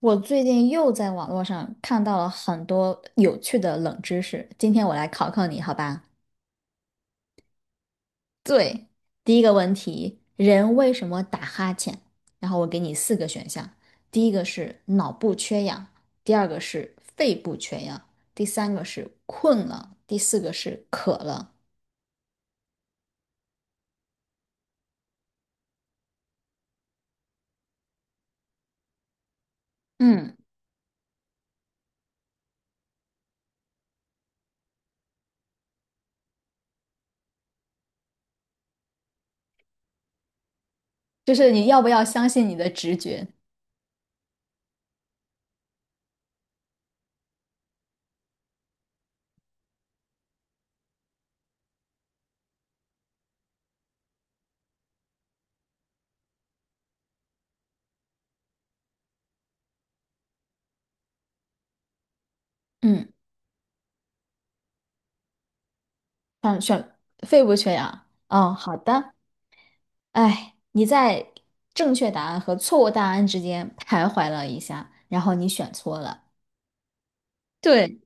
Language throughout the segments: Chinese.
我最近又在网络上看到了很多有趣的冷知识，今天我来考考你，好吧？对，第一个问题，人为什么打哈欠？然后我给你四个选项，第一个是脑部缺氧，第二个是肺部缺氧，第三个是困了，第四个是渴了。嗯，就是你要不要相信你的直觉？嗯，肺部缺氧。哦，好的。哎，你在正确答案和错误答案之间徘徊了一下，然后你选错了。对，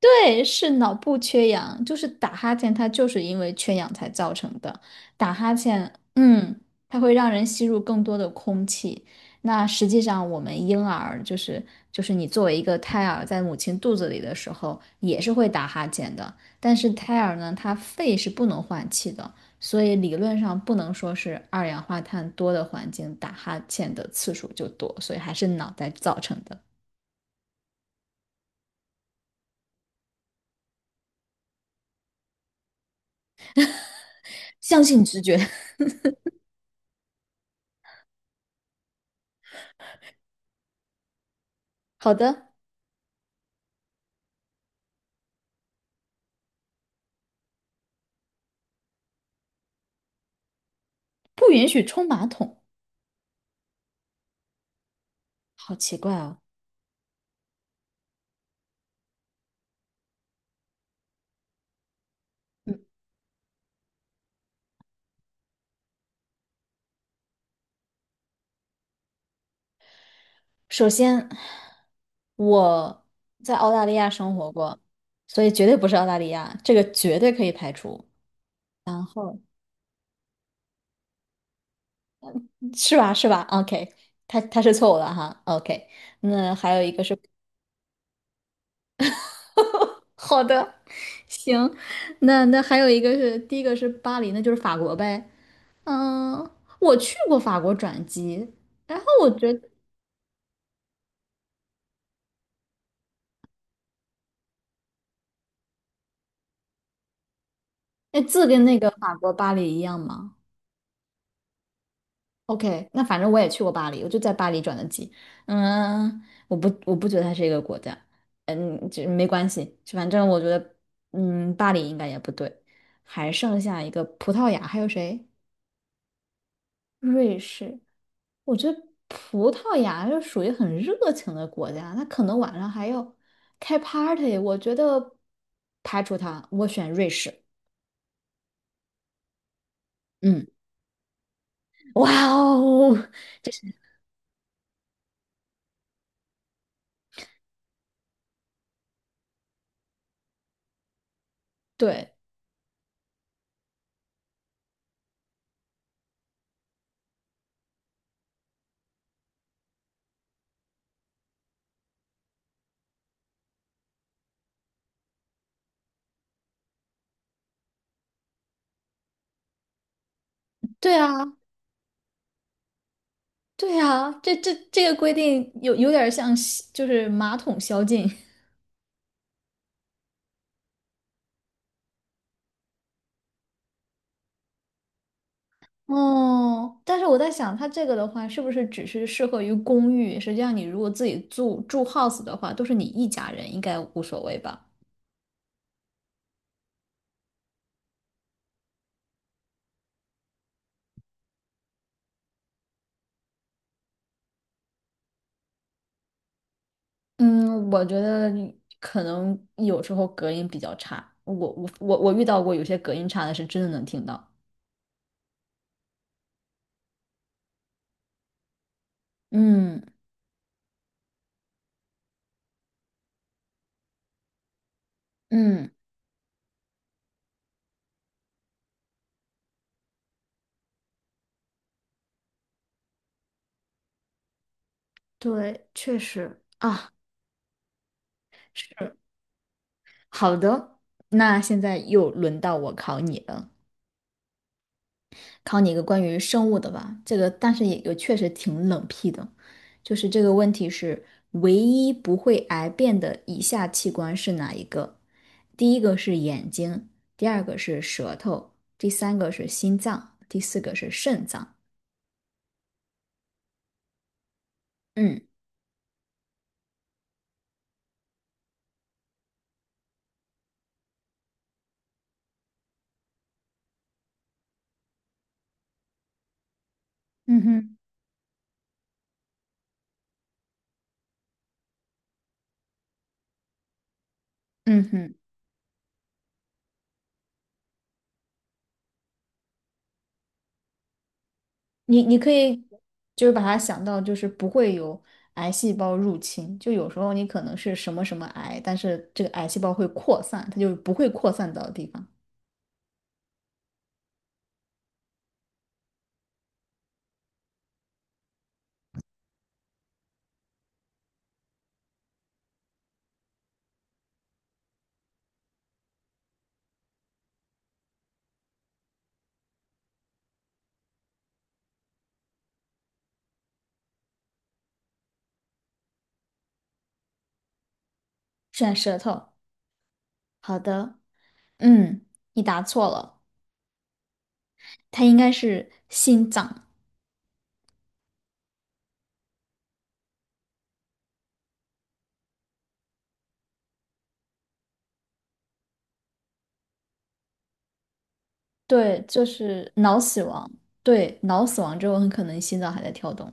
对，是脑部缺氧，就是打哈欠，它就是因为缺氧才造成的。打哈欠，嗯，它会让人吸入更多的空气。那实际上，我们婴儿就是你作为一个胎儿在母亲肚子里的时候，也是会打哈欠的。但是胎儿呢，它肺是不能换气的，所以理论上不能说是二氧化碳多的环境打哈欠的次数就多，所以还是脑袋造成的。相信直觉。好的。不允许冲马桶，好奇怪啊！嗯，首先我在澳大利亚生活过，所以绝对不是澳大利亚，这个绝对可以排除，是吧？是吧？OK，他是错误的哈。OK，那还有一个是好的，行，那那还有一个是第一个是巴黎，那就是法国呗。嗯，我去过法国转机，然后我觉得，哎，字跟那个法国巴黎一样吗？OK，那反正我也去过巴黎，我就在巴黎转的机。嗯，我不，我不觉得它是一个国家。嗯，就没关系，反正我觉得，嗯，巴黎应该也不对。还剩下一个葡萄牙，还有谁？瑞士。我觉得葡萄牙就属于很热情的国家，那可能晚上还要开 party。我觉得排除它，我选瑞士。嗯，哇哦，对，对啊。对呀，这个规定有点像吸就是马桶宵禁。 哦。但是我在想，它这个的话，是不是只是适合于公寓？实际上，你如果自己住 house 的话，都是你一家人，应该无所谓吧？嗯，我觉得可能有时候隔音比较差，我遇到过有些隔音差的，是真的能听到。嗯，嗯，对，确实啊，是好的。那现在又轮到我考你了。考你一个关于生物的吧，这个但是也确实挺冷僻的，就是这个问题是唯一不会癌变的以下器官是哪一个？第一个是眼睛，第二个是舌头，第三个是心脏，第四个是肾脏。嗯，嗯哼，嗯哼，你可以就是把它想到就是不会有癌细胞入侵，就有时候你可能是什么什么癌，但是这个癌细胞会扩散，它就不会扩散到的地方。选舌头。好的，嗯，你答错了，它应该是心脏，对，就是脑死亡，对，脑死亡之后很可能心脏还在跳动。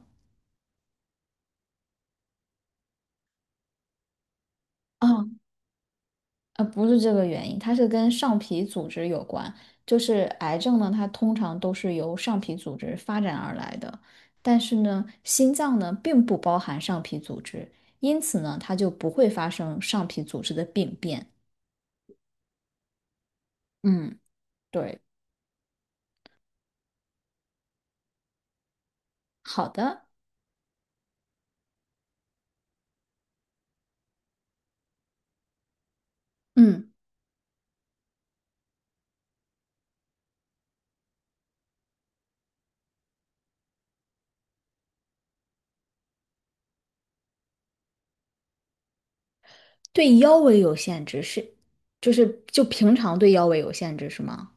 啊，不是这个原因，它是跟上皮组织有关。就是癌症呢，它通常都是由上皮组织发展而来的，但是呢，心脏呢并不包含上皮组织，因此呢，它就不会发生上皮组织的病变。嗯，对，好的，嗯。对腰围有限制是，就是就平常对腰围有限制是吗？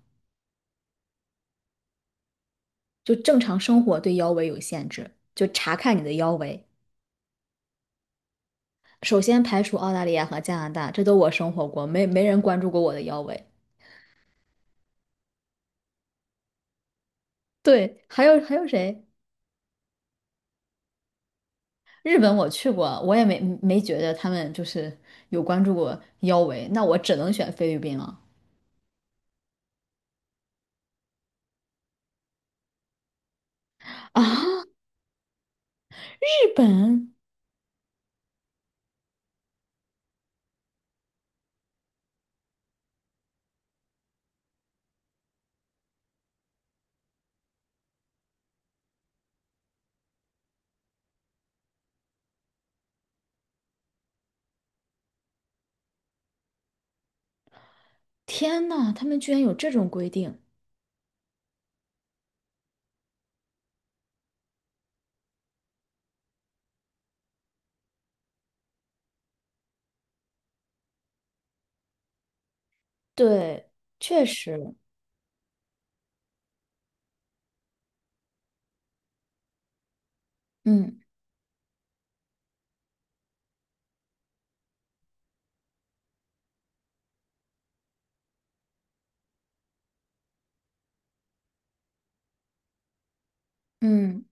就正常生活对腰围有限制，就查看你的腰围。首先排除澳大利亚和加拿大，这都我生活过，没人关注过我的腰围。对，还有还有谁？日本我去过，我也没觉得他们就是有关注过腰围，那我只能选菲律宾了。啊，日本，天呐，他们居然有这种规定。对，确实，嗯，嗯。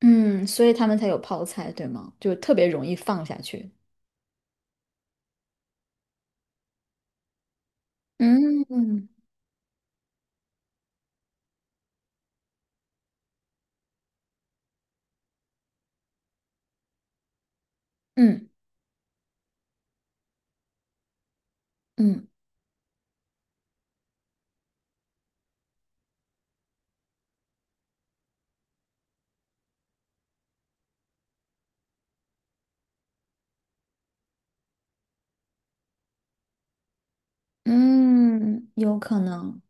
嗯，所以他们才有泡菜，对吗？就特别容易放下去。嗯，嗯，嗯，嗯，嗯，有可能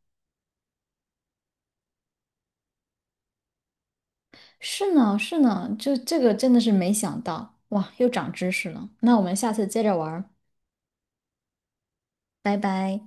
是呢，是呢，这个真的是没想到，哇，又长知识了。那我们下次接着玩儿拜拜。